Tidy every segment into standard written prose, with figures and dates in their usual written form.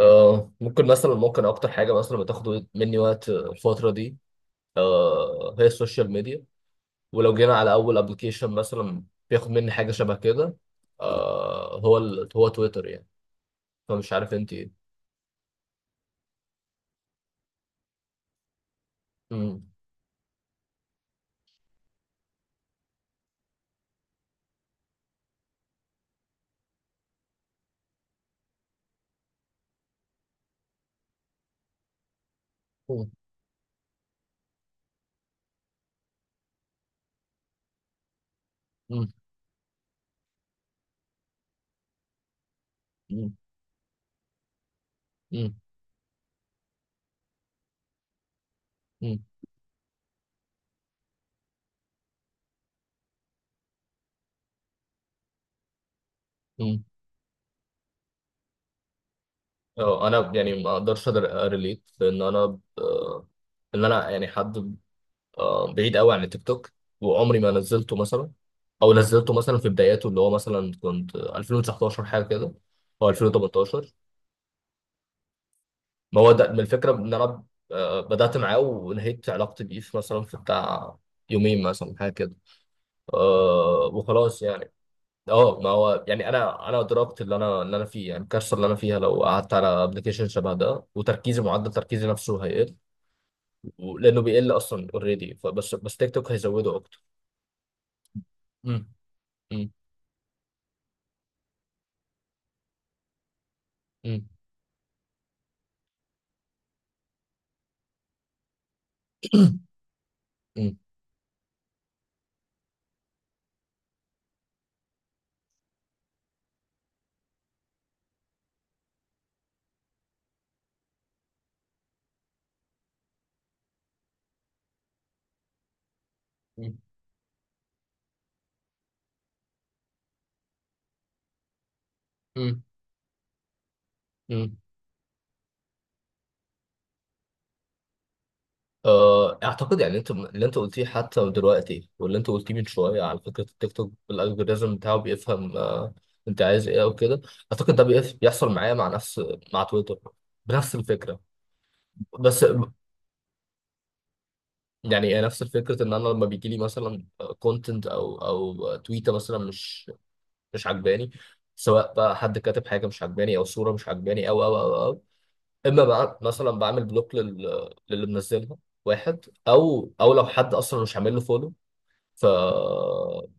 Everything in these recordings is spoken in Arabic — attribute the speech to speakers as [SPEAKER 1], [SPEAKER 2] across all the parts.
[SPEAKER 1] ممكن مثلا اكتر حاجه مثلا بتاخد مني وقت الفتره دي، هي السوشيال ميديا. ولو جينا على اول ابلكيشن مثلا، بياخد مني حاجه شبه كده. هو تويتر يعني. فمش عارف انت ايه. مم. مم. مم. مم. مم. مم. مم. اه انا يعني ما اقدرش اريليت لان انا، ان انا يعني حد بعيد قوي عن التيك توك، وعمري ما نزلته مثلا، او نزلته مثلا في بداياته، اللي هو مثلا كنت 2019 حاجه كده، او 2018. ما هو ده من الفكره ان انا بدات معاه ونهيت علاقتي بيه في مثلا في بتاع يومين مثلا حاجه كده. وخلاص يعني. اه ما هو يعني انا ادركت اللي انا فيه، يعني الكارثه اللي انا فيها لو قعدت على ابلكيشن شبه ده، وتركيزي معدل تركيزي نفسه هيقل، لانه بيقل اصلا اوريدي، فبس تيك توك هيزوده اكتر. امم امم مم. مم. مم. مم. اعتقد يعني انت اللي انت قلتيه حتى دلوقتي واللي انت قلتيه من شويه، على فكره التيك توك الالجوريزم بتاعه بيفهم انت عايز ايه او كده. اعتقد ده بيحصل معايا مع نفس، مع تويتر، بنفس الفكره. بس يعني إيه نفس الفكره، ان انا لما بيجي لي مثلا كونتنت او تويته مثلا مش عجباني، سواء بقى حد كاتب حاجه مش عجباني، او صوره مش عجباني، او او او, أو. اما بقى مثلا بعمل بلوك للي منزلها واحد، او لو حد اصلا مش عامل له فولو، ف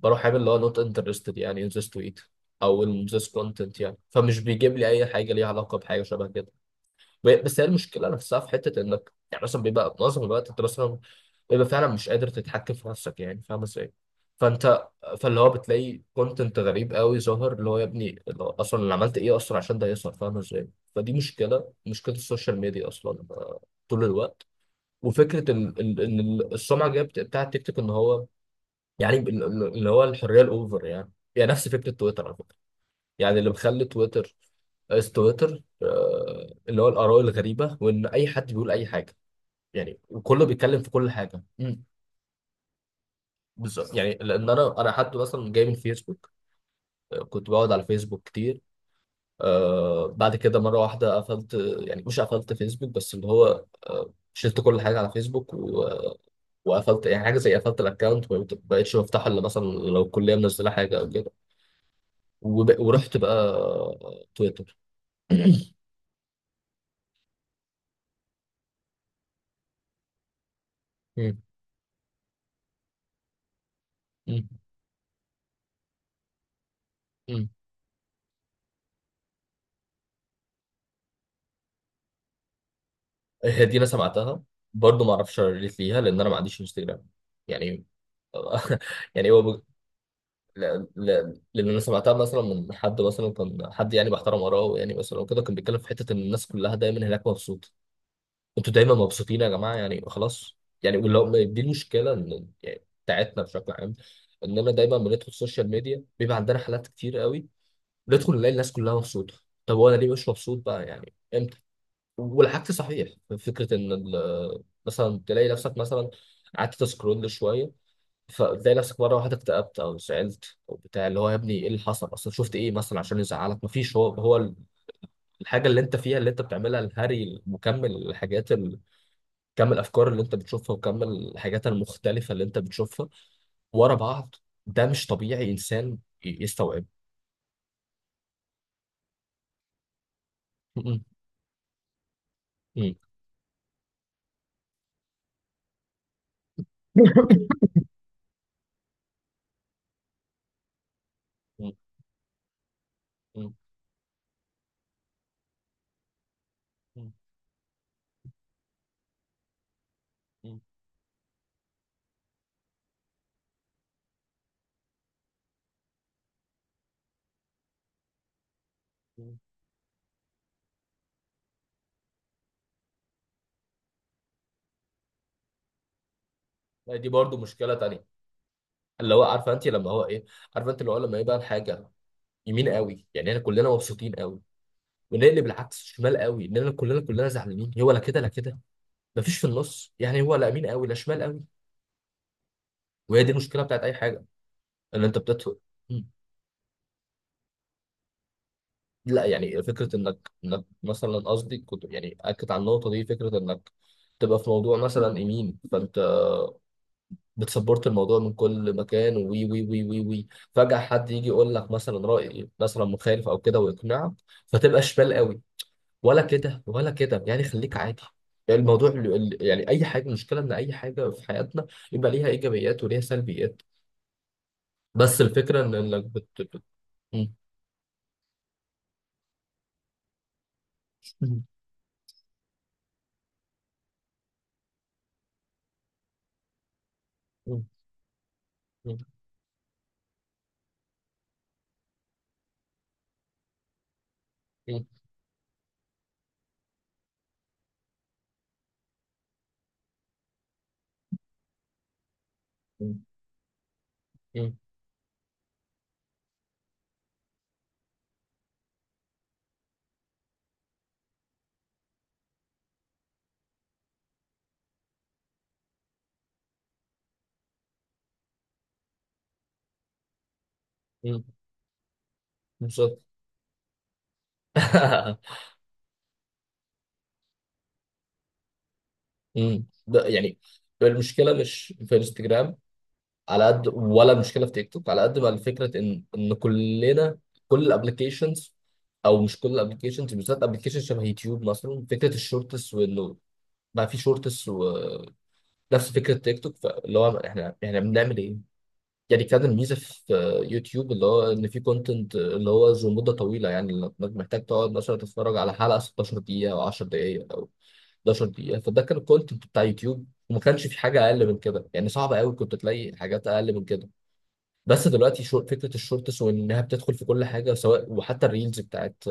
[SPEAKER 1] بروح عامل اللي هو نوت انترستد، يعني ان ذس تويت او ان ذس كونتنت، يعني فمش بيجيب لي اي حاجه ليها علاقه بحاجه شبه كده. بس هي المشكله نفسها في حته انك يعني مثلا بيبقى معظم الوقت انت مثلا بيبقى فعلا مش قادر تتحكم في نفسك، يعني فاهم ازاي. فانت، فاللي هو بتلاقي كونتنت غريب قوي ظاهر، اللي هو يا ابني اللي هو اصلا اللي عملت ايه اصلا عشان ده يظهر، فاهم ازاي. فدي مشكله، مشكله السوشيال ميديا اصلا طول الوقت. وفكره السمعه الجايه بتاعت تيك توك، ان هو يعني اللي هو الحريه الاوفر، يعني نفس فكره تويتر على فكره، يعني اللي مخلي تويتر اس تويتر اللي هو الاراء الغريبه، وان اي حد بيقول اي حاجه، يعني وكله بيتكلم في كل حاجه. بالظبط، يعني لان انا حتى مثلا جاي من فيسبوك. كنت بقعد على فيسبوك كتير. بعد كده مره واحده قفلت. يعني مش قفلت فيسبوك، بس اللي هو شلت كل حاجه على فيسبوك وقفلت، يعني حاجه زي قفلت الاكونت، ما بقتش بفتحه الا مثلا لو الكليه منزله حاجه او كده. ورحت بقى تويتر. مم. مم. مم. هي دي انا سمعتها، برضه ما اعرفش ريليت ليها لان انا ما عنديش انستجرام، يعني. يعني هو، لأن أنا سمعتها مثلا من حد، مثلا كان حد يعني محترم وراه يعني مثلا وكده، كان بيتكلم في حتة إن الناس كلها دايما هناك مبسوطة. أنتوا دايما مبسوطين يا جماعة، يعني خلاص. يعني ولو دي المشكلة، إن يعني بتاعتنا بشكل عام، إننا دايما بندخل السوشيال ميديا بيبقى عندنا حالات كتير قوي، ندخل نلاقي الناس كلها مبسوطة. طب وأنا ليه مش مبسوط بقى، يعني إمتى؟ والعكس صحيح، فكرة إن مثلا تلاقي نفسك مثلا قعدت تسكرول شوية، فبتلاقي نفسك مره واحده اكتئبت او زعلت او بتاع، اللي هو يا ابني ايه اللي حصل اصلا، شفت ايه مثلا عشان يزعلك، مفيش. هو الحاجه اللي انت فيها، اللي انت بتعملها الهري مكمل، كم الافكار اللي انت بتشوفها، وكم الحاجات المختلفه اللي انت بتشوفها ورا بعض، ده مش طبيعي انسان يستوعب. م- م- م- م- م- م- م- م. دي برضو مشكله تانية، اللي هو عارفه انت لما هو ايه، عارفه انت اللي هو لما يبقى الحاجه يمين قوي، يعني احنا كلنا مبسوطين قوي، ونقلب العكس شمال قوي، اننا كلنا زعلانين، هو لا كده لا كده، مفيش في النص، يعني هو لا يمين قوي لا شمال قوي. وهي دي المشكله بتاعت اي حاجه، ان انت بتدخل. مم. لا يعني فكره انك مثلا، قصدي كنت يعني اكد على النقطه دي، فكره انك تبقى في موضوع مثلا يمين، فانت بتسبورت الموضوع من كل مكان، وي وي وي وي وي، فجاه حد يجي يقول لك مثلا راي مثلا مخالف او كده ويقنعك، فتبقى شمال قوي. ولا كده ولا كده، يعني خليك عادي. يعني الموضوع يعني اي حاجه، المشكله ان اي حاجه في حياتنا يبقى ليها ايجابيات وليها سلبيات. بس الفكره ان انك م- م- م- م- م- م- م- بالظبط. م. ده يعني المشكله مش في انستجرام على قد، ولا المشكله في تيك توك على قد، ما الفكره ان كلنا، كل الابلكيشنز، او مش كل الابلكيشنز، بالذات ابلكيشن شبه يوتيوب مثلا، فكره الشورتس، وانه بقى في شورتس، نفس فكره تيك توك. فاللي هو احنا بنعمل ايه؟ يعني كان الميزه في يوتيوب اللي هو ان في كونتنت اللي هو ذو مده طويله، يعني انك محتاج تقعد مثلا تتفرج على حلقه 16 دقيقه او 10 دقائق او 11 دقيقه. فده كان الكونتنت بتاع يوتيوب، وما كانش في حاجه اقل من كده، يعني صعب قوي كنت تلاقي حاجات اقل من كده. بس دلوقتي شو فكره الشورتس، وانها بتدخل في كل حاجه، سواء وحتى الريلز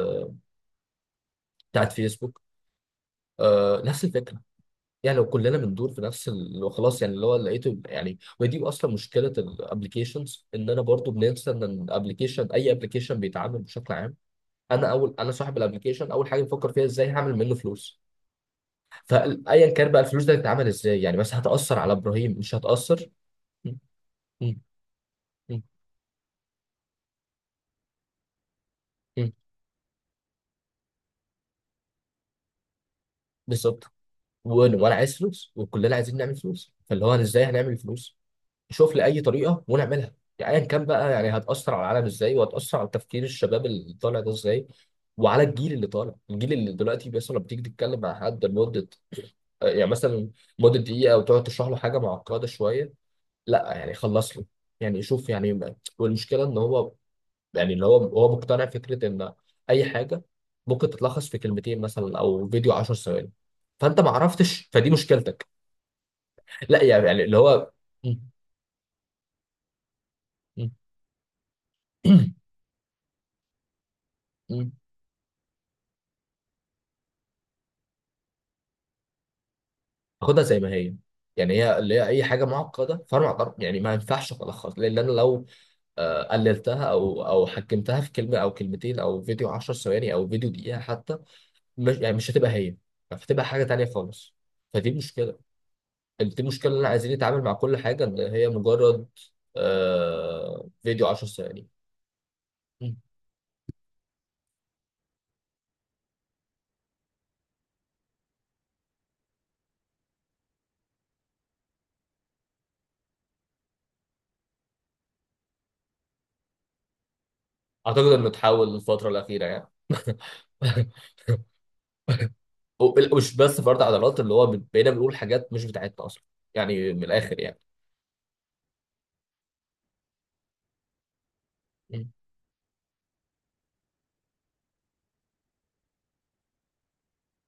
[SPEAKER 1] بتاعت فيسبوك، نفس الفكره. يعني لو كلنا بندور في نفس خلاص، يعني اللي هو لقيته يعني. ودي اصلا مشكله الابلكيشنز، ان انا برضو بننسى ان الابلكيشن، اي ابلكيشن بيتعامل بشكل عام، انا اول، انا صاحب الابلكيشن، اول حاجه بفكر فيها ازاي هعمل منه فلوس. فايا كان بقى الفلوس دي هتتعمل ازاي، يعني مثلا هتاثر على ابراهيم مش هتاثر. م- م- م- م- بالظبط. وأنا عايز فلوس، وكلنا عايزين نعمل فلوس، فاللي هو ازاي هنعمل فلوس. شوف لي اي طريقه ونعملها، يعني ايا كان بقى، يعني هتاثر على العالم ازاي، وهتاثر على تفكير الشباب اللي طالع ده ازاي، وعلى الجيل اللي طالع، الجيل اللي دلوقتي مثلا لما بتيجي تتكلم مع حد لمده، يعني مثلا مده دقيقه، وتقعد تشرح له حاجه معقده شويه، لا يعني خلص له، يعني شوف يعني والمشكله ان هو، يعني اللي هو مقتنع فكره ان اي حاجه ممكن تتلخص في كلمتين مثلا، او فيديو 10 ثواني، فانت ما عرفتش، فدي مشكلتك. لا يعني اللي هو خدها زي ما هي. يعني هي اللي هي اي حاجه معقده، فانا ما أقدر- يعني ما ينفعش الخص، لان انا لو قللتها او حجمتها في كلمه او كلمتين، او فيديو 10 ثواني، او فيديو دقيقه حتى، مش يعني مش هتبقى هي، هتبقى حاجه تانيه خالص. فدي مشكله، دي مشكله اللي عايزين نتعامل مع كل حاجه ان هي مجرد فيديو 10 ثواني. مم. اعتقد انه اتحول الفتره الاخيره يعني. ومش بس فرد عضلات، اللي هو بقينا بنقول حاجات مش بتاعتنا اصلا، يعني من الاخر، يعني